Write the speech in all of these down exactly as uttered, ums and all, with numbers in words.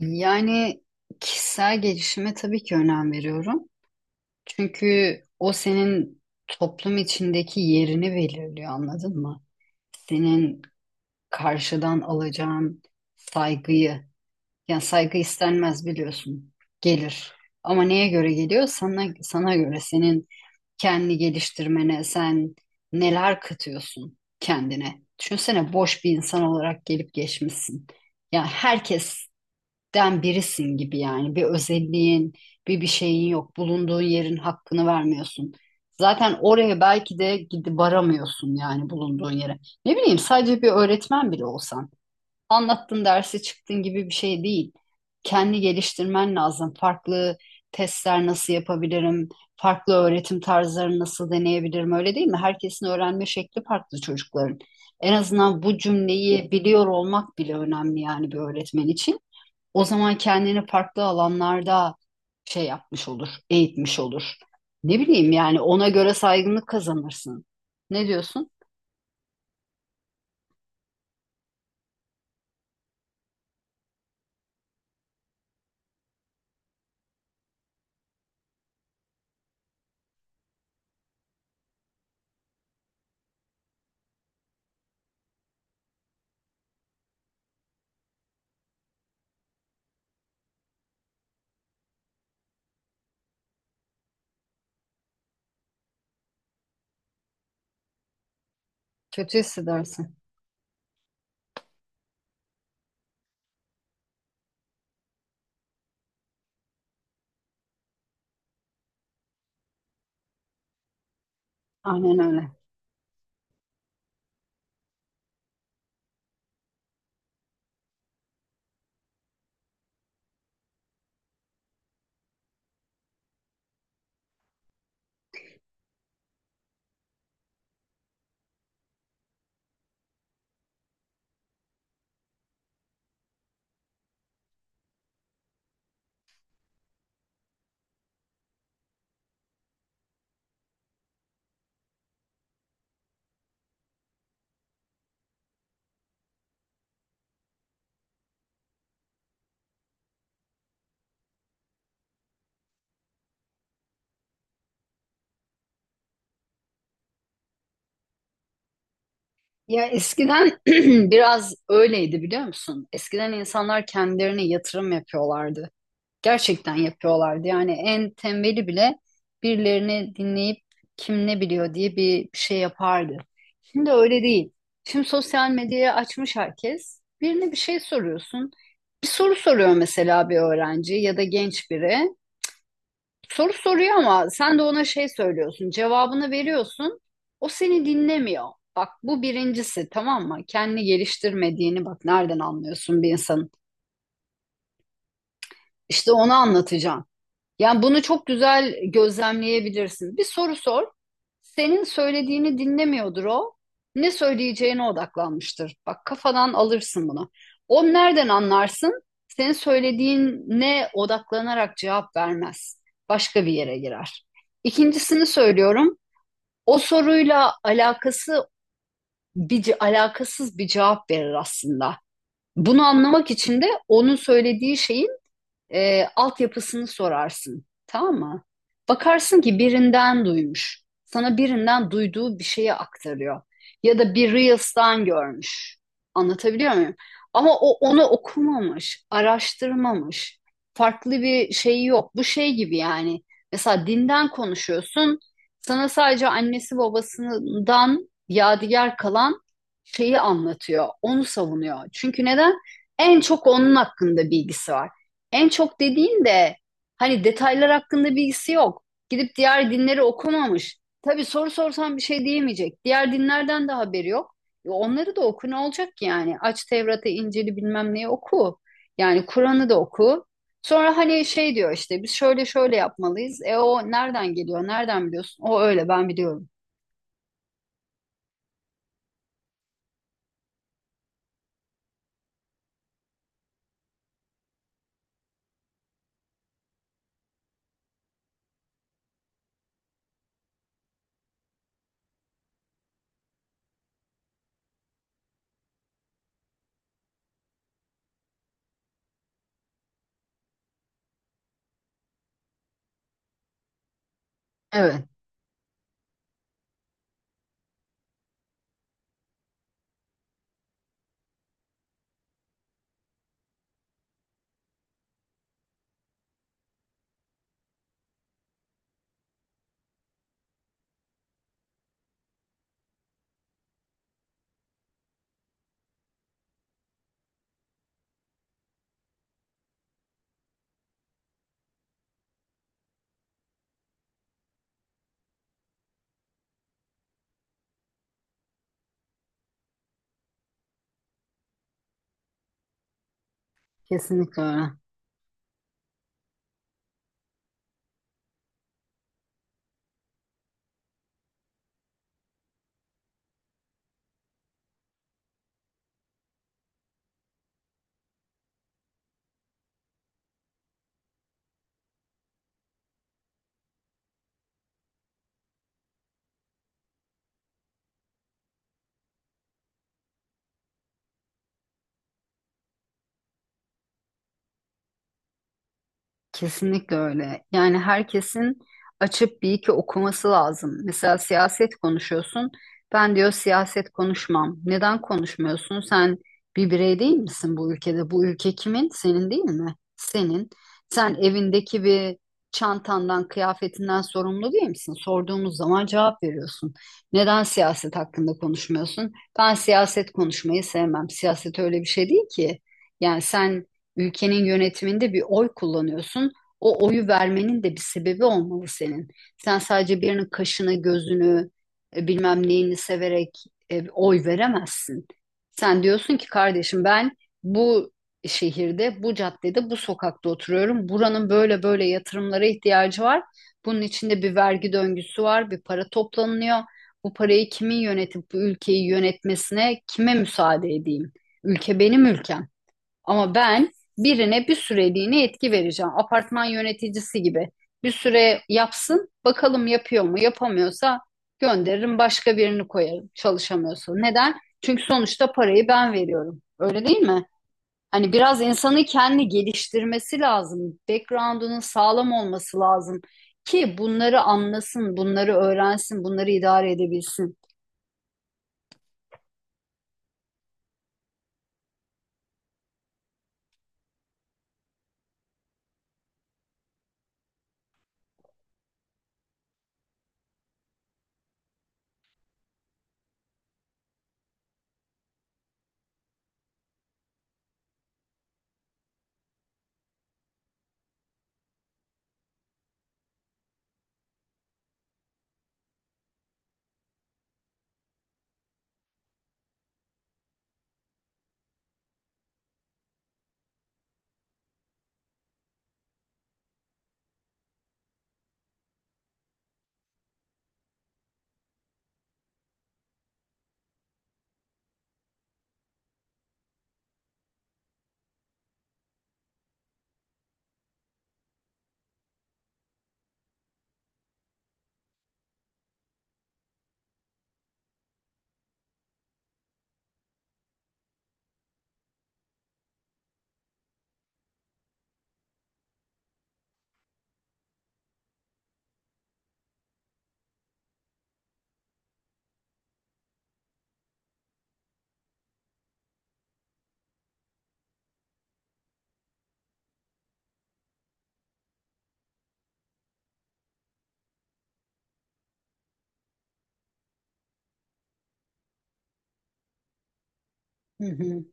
Yani kişisel gelişime tabii ki önem veriyorum. Çünkü o senin toplum içindeki yerini belirliyor, anladın mı? Senin karşıdan alacağın saygıyı, yani saygı istenmez biliyorsun, gelir. Ama neye göre geliyor? Sana, sana göre senin kendi geliştirmene, sen neler katıyorsun kendine. Düşünsene boş bir insan olarak gelip geçmişsin. Yani herkes den birisin gibi yani. Bir özelliğin, bir bir şeyin yok. Bulunduğun yerin hakkını vermiyorsun. Zaten oraya belki de gidip varamıyorsun yani bulunduğun yere. Ne bileyim sadece bir öğretmen bile olsan. Anlattın dersi çıktın gibi bir şey değil. Kendi geliştirmen lazım. Farklı testler nasıl yapabilirim? Farklı öğretim tarzlarını nasıl deneyebilirim? Öyle değil mi? Herkesin öğrenme şekli farklı çocukların. En azından bu cümleyi biliyor olmak bile önemli yani bir öğretmen için. O zaman kendini farklı alanlarda şey yapmış olur, eğitmiş olur. Ne bileyim yani ona göre saygınlık kazanırsın. Ne diyorsun? Kötü hissedersin. Aynen öyle. Ya eskiden biraz öyleydi biliyor musun? Eskiden insanlar kendilerine yatırım yapıyorlardı. Gerçekten yapıyorlardı. Yani en tembeli bile birilerini dinleyip kim ne biliyor diye bir şey yapardı. Şimdi öyle değil. Şimdi sosyal medyayı açmış herkes. Birine bir şey soruyorsun. Bir soru soruyor mesela bir öğrenci ya da genç biri. Soru soruyor ama sen de ona şey söylüyorsun, cevabını veriyorsun. O seni dinlemiyor. Bak bu birincisi tamam mı? Kendini geliştirmediğini bak nereden anlıyorsun bir insanın? İşte onu anlatacağım. Yani bunu çok güzel gözlemleyebilirsin. Bir soru sor. Senin söylediğini dinlemiyordur o. Ne söyleyeceğine odaklanmıştır. Bak kafadan alırsın bunu. O nereden anlarsın? Senin söylediğine odaklanarak cevap vermez. Başka bir yere girer. İkincisini söylüyorum. O soruyla alakası bir ce- alakasız bir cevap verir aslında. Bunu anlamak için de onun söylediği şeyi e, altyapısını sorarsın. Tamam mı? Bakarsın ki birinden duymuş. Sana birinden duyduğu bir şeyi aktarıyor. Ya da bir Reels'tan görmüş. Anlatabiliyor muyum? Ama o onu okumamış, araştırmamış. Farklı bir şey yok. Bu şey gibi yani. Mesela dinden konuşuyorsun. Sana sadece annesi babasından yadigar kalan şeyi anlatıyor. Onu savunuyor. Çünkü neden? En çok onun hakkında bilgisi var. En çok dediğin de hani detaylar hakkında bilgisi yok. Gidip diğer dinleri okumamış. Tabii soru sorsan bir şey diyemeyecek. Diğer dinlerden de haberi yok. E onları da oku ne olacak ki yani? Aç Tevrat'ı, İncil'i bilmem neyi oku. Yani Kur'an'ı da oku. Sonra hani şey diyor işte biz şöyle şöyle yapmalıyız. E o nereden geliyor? Nereden biliyorsun? O öyle ben biliyorum. Evet, kesinlikle öyle. Kesinlikle öyle. Yani herkesin açıp bir iki okuması lazım. Mesela siyaset konuşuyorsun. Ben diyor siyaset konuşmam. Neden konuşmuyorsun? Sen bir birey değil misin bu ülkede? Bu ülke kimin? Senin değil mi? Senin. Sen evindeki bir çantandan, kıyafetinden sorumlu değil misin? Sorduğumuz zaman cevap veriyorsun. Neden siyaset hakkında konuşmuyorsun? Ben siyaset konuşmayı sevmem. Siyaset öyle bir şey değil ki. Yani sen ülkenin yönetiminde bir oy kullanıyorsun. O oyu vermenin de bir sebebi olmalı senin. Sen sadece birinin kaşını, gözünü, e, bilmem neyini severek e, oy veremezsin. Sen diyorsun ki kardeşim ben bu şehirde, bu caddede, bu sokakta oturuyorum. Buranın böyle böyle yatırımlara ihtiyacı var. Bunun içinde bir vergi döngüsü var, bir para toplanıyor. Bu parayı kimin yönetip bu ülkeyi yönetmesine kime müsaade edeyim? Ülke benim ülkem. Ama ben birine bir süreliğine etki vereceğim. Apartman yöneticisi gibi. Bir süre yapsın, bakalım yapıyor mu? Yapamıyorsa gönderirim, başka birini koyarım çalışamıyorsa. Neden? Çünkü sonuçta parayı ben veriyorum. Öyle değil mi? Hani biraz insanın kendi geliştirmesi lazım. Background'unun sağlam olması lazım ki bunları anlasın, bunları öğrensin, bunları idare edebilsin. Hı hı.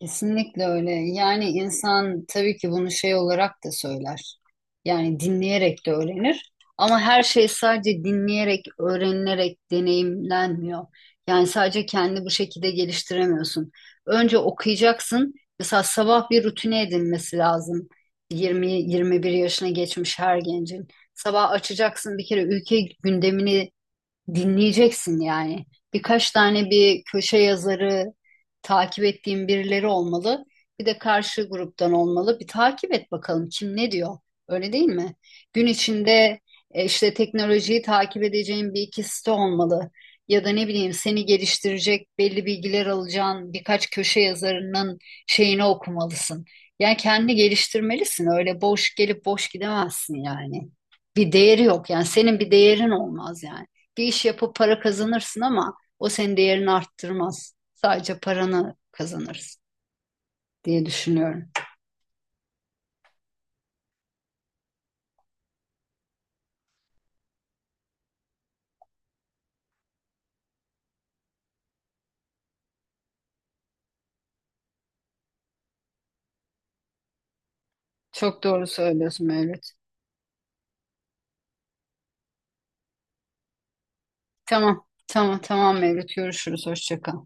Kesinlikle öyle. Yani insan tabii ki bunu şey olarak da söyler. Yani dinleyerek de öğrenir. Ama her şey sadece dinleyerek, öğrenilerek deneyimlenmiyor. Yani sadece kendi bu şekilde geliştiremiyorsun. Önce okuyacaksın. Mesela sabah bir rutine edinmesi lazım. Yirmi yirmi bir yaşına geçmiş her gencin. Sabah açacaksın bir kere ülke gündemini dinleyeceksin yani. Birkaç tane bir köşe yazarı takip ettiğim birileri olmalı. Bir de karşı gruptan olmalı. Bir takip et bakalım kim ne diyor. Öyle değil mi? Gün içinde e, işte teknolojiyi takip edeceğin bir iki site olmalı. Ya da ne bileyim seni geliştirecek belli bilgiler alacağın birkaç köşe yazarının şeyini okumalısın. Yani kendini geliştirmelisin. Öyle boş gelip boş gidemezsin yani. Bir değeri yok yani senin bir değerin olmaz yani bir iş yapıp para kazanırsın ama o senin değerini arttırmaz. Sadece paranı kazanırsın diye düşünüyorum. Çok doğru söylüyorsun Mevlüt. Tamam, tamam, tamam Mevlüt. Görüşürüz. Hoşça kal.